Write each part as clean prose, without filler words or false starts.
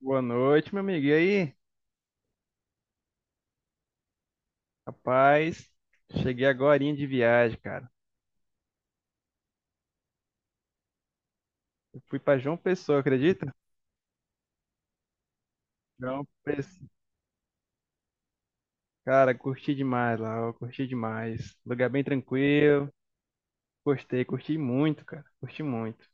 Boa noite, meu amigo. E aí? Rapaz, cheguei agorinha de viagem, cara. Eu fui pra João Pessoa, acredita? João Pessoa. Cara, curti demais lá, ó, curti demais. Lugar bem tranquilo. Gostei, curti muito, cara. Curti muito.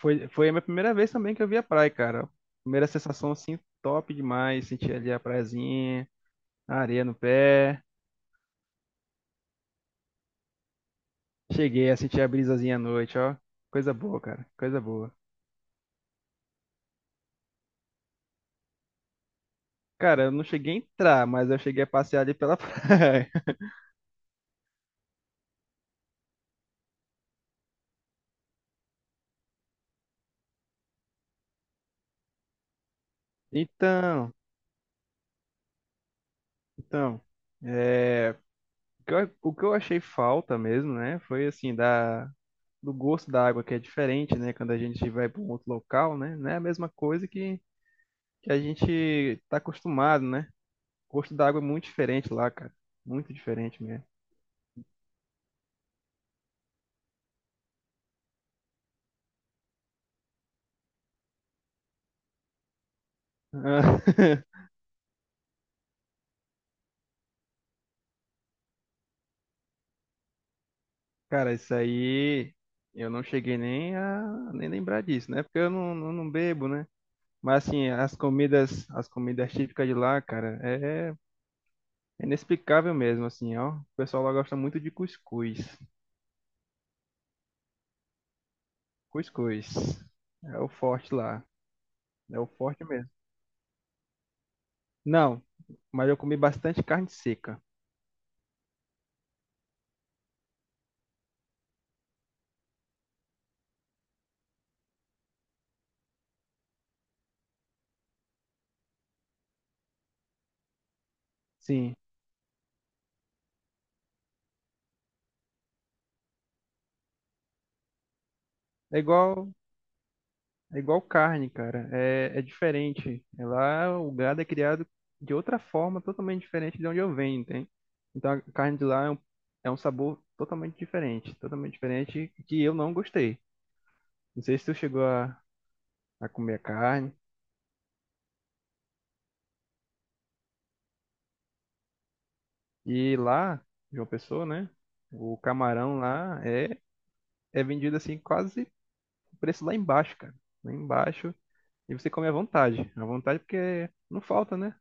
Foi, foi a minha primeira vez também que eu vi a praia, cara. Primeira sensação, assim, top demais. Senti ali a praiazinha, a areia no pé. Cheguei a sentir a brisazinha à noite, ó. Coisa boa, cara. Coisa boa. Cara, eu não cheguei a entrar, mas eu cheguei a passear ali pela praia. Então, então, é, o que eu achei falta mesmo, né, foi assim, da, do gosto da água que é diferente, né, quando a gente vai para um outro local, né, não é a mesma coisa que a gente está acostumado, né, o gosto da água é muito diferente lá, cara, muito diferente mesmo. Ah, Cara, isso aí eu não cheguei nem lembrar disso, né, porque eu não bebo, né, mas assim, as comidas típicas de lá, cara, é inexplicável mesmo, assim, ó. O pessoal lá gosta muito de cuscuz. Cuscuz. É o forte lá. É o forte mesmo. Não, mas eu comi bastante carne seca. Sim. É igual, é igual carne, cara. É diferente. Lá o gado é criado de outra forma, totalmente diferente de onde eu venho, entende? Então a carne de lá é um sabor totalmente diferente. Totalmente diferente que eu não gostei. Não sei se tu chegou a comer a carne. E lá, João Pessoa, né? O camarão é vendido assim quase o preço lá embaixo, cara. Lá embaixo. E você come à vontade. À vontade porque não falta, né?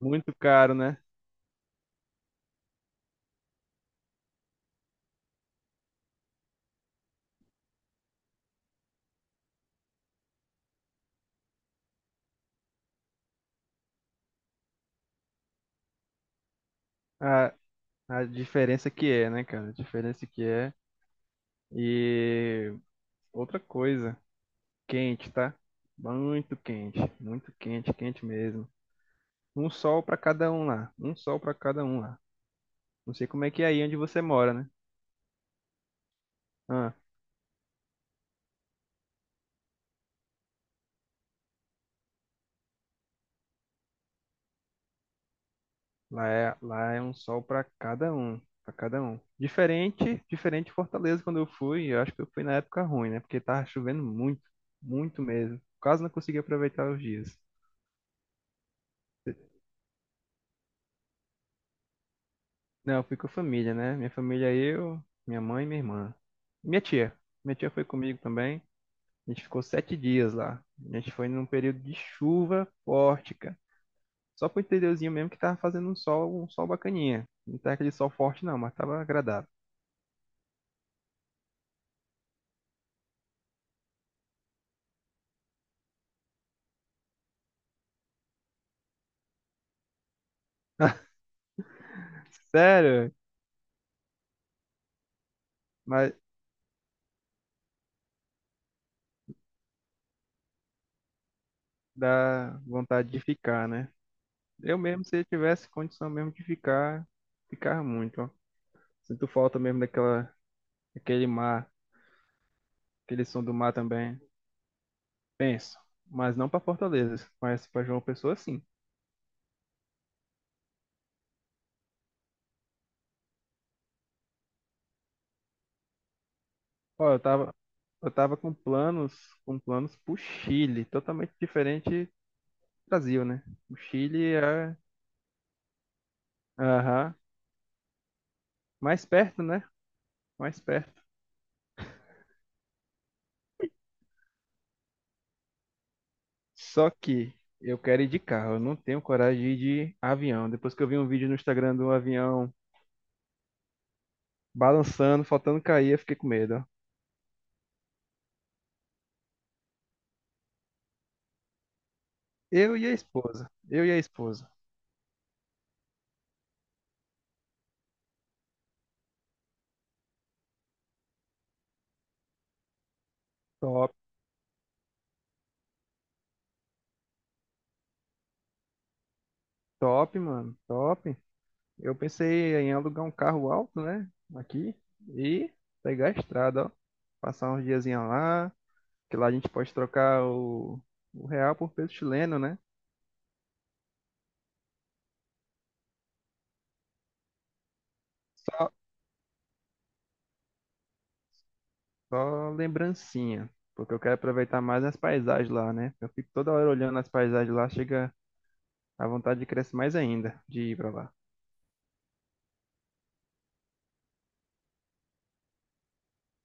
Muito caro, né? A, a diferença que é, né, cara? A diferença que é. E outra coisa, quente, tá? Muito quente. Muito quente, quente mesmo. Um sol pra cada um lá. Um sol pra cada um lá. Não sei como é que é aí onde você mora, né? Ah. Lá é um sol para cada um, para cada um. Diferente, diferente de Fortaleza quando eu fui, eu acho que eu fui na época ruim, né? Porque tava chovendo muito, muito mesmo. Quase não consegui aproveitar os dias. Não, eu fui com a família, né? Minha família, eu, minha mãe e minha irmã. Minha tia. Minha tia foi comigo também. A gente ficou 7 dias lá. A gente foi num período de chuva forte, cara. Só pro interiorzinho mesmo que tava fazendo um sol bacaninha. Não tá aquele sol forte não, mas tava agradável. Sério? Mas dá vontade de ficar, né? Eu mesmo, se eu tivesse condição mesmo de ficar, ficar muito, ó. Sinto falta mesmo daquela, daquele mar, aquele som do mar também. Penso, mas não para Fortaleza, mas para João Pessoa, sim. Ó, eu tava, eu tava com com planos pro Chile, totalmente diferente do Brasil, né? O Chile é, aham, mais perto, né? Mais perto. Só que eu quero ir de carro, eu não tenho coragem de ir de avião. Depois que eu vi um vídeo no Instagram do avião balançando, faltando cair, eu fiquei com medo. Eu e a esposa. Eu e a esposa. Top, top, mano. Top. Eu pensei em alugar um carro alto, né? Aqui. E pegar a estrada, ó. Passar uns diazinhos lá. Que lá a gente pode trocar o real por peso chileno, né? Só, só lembrancinha. Porque eu quero aproveitar mais as paisagens lá, né? Eu fico toda hora olhando as paisagens lá. Chega a vontade de crescer mais ainda. De ir pra lá.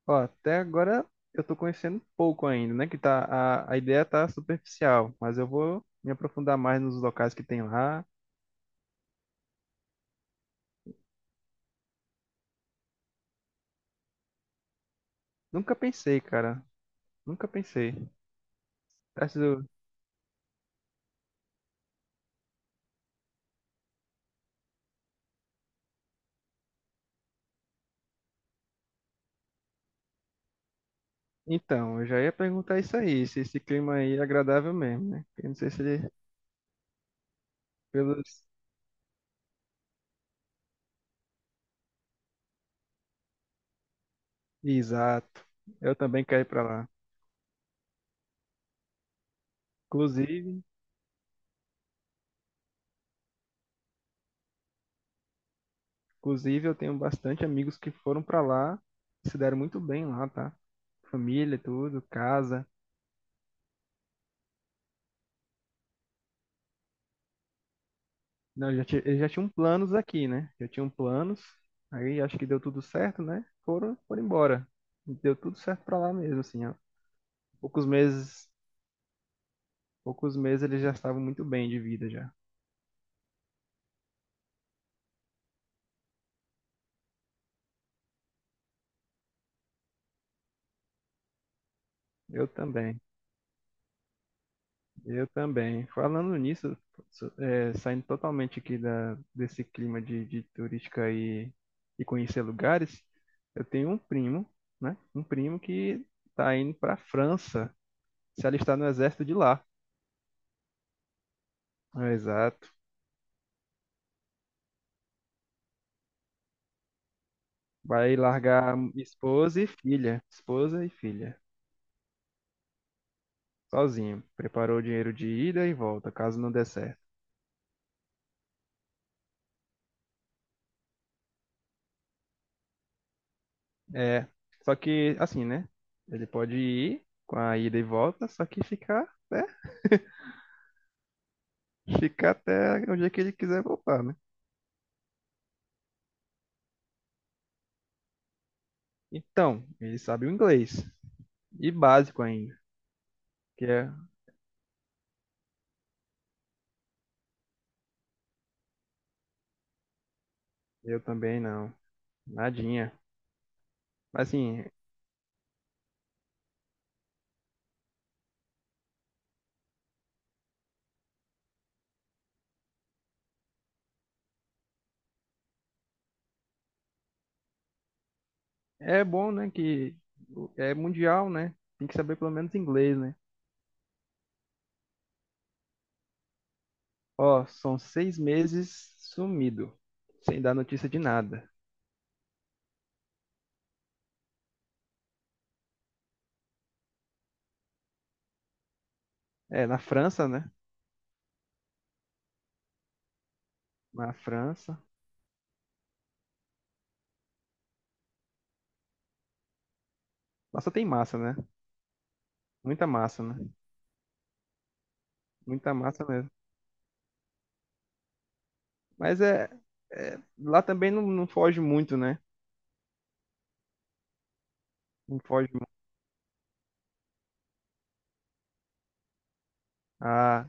Ó, até agora eu tô conhecendo pouco ainda, né? Que tá, a ideia tá superficial, mas eu vou me aprofundar mais nos locais que tem lá. Nunca pensei, cara. Nunca pensei. Tá sido- Então, eu já ia perguntar isso aí, se esse clima aí é agradável mesmo, né? Eu não sei se ele... Pelos... Exato. Eu também quero ir pra lá. Inclusive, inclusive, eu tenho bastante amigos que foram pra lá, se deram muito bem lá, tá? Família, tudo, casa. Não, já tinha, eles já tinham planos aqui, né? Já tinham planos. Aí acho que deu tudo certo, né? Foram embora. Deu tudo certo pra lá mesmo, assim. Ó. Poucos meses, poucos meses eles já estavam muito bem de vida já. Eu também, eu também. Falando nisso, saindo totalmente aqui da, desse clima de turística e conhecer lugares, eu tenho um primo, né? Um primo que tá indo pra França, se alistar no exército de lá. É, exato. Vai largar esposa e filha. Esposa e filha. Sozinho. Preparou o dinheiro de ida e volta, caso não der certo. É. Só que, assim, né? Ele pode ir com a ida e volta, só que ficar, né? Ficar até o dia que ele quiser voltar, né? Então, ele sabe o inglês. E básico ainda. Que é, eu também não. Nadinha. Mas, assim, é bom, né? Que é mundial, né? Tem que saber pelo menos inglês, né? Ó, são 6 meses sumido, sem dar notícia de nada. É, na França, né? Na França. Lá só tem massa, né? Muita massa, né? Muita massa mesmo. Mas lá também não foge muito, né? Não foge muito. Ah,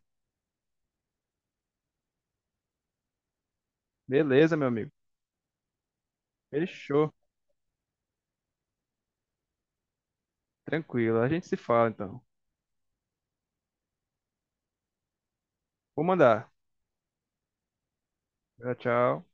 beleza, meu amigo. Fechou. Tranquilo. A gente se fala então. Vou mandar. Tchau, tchau.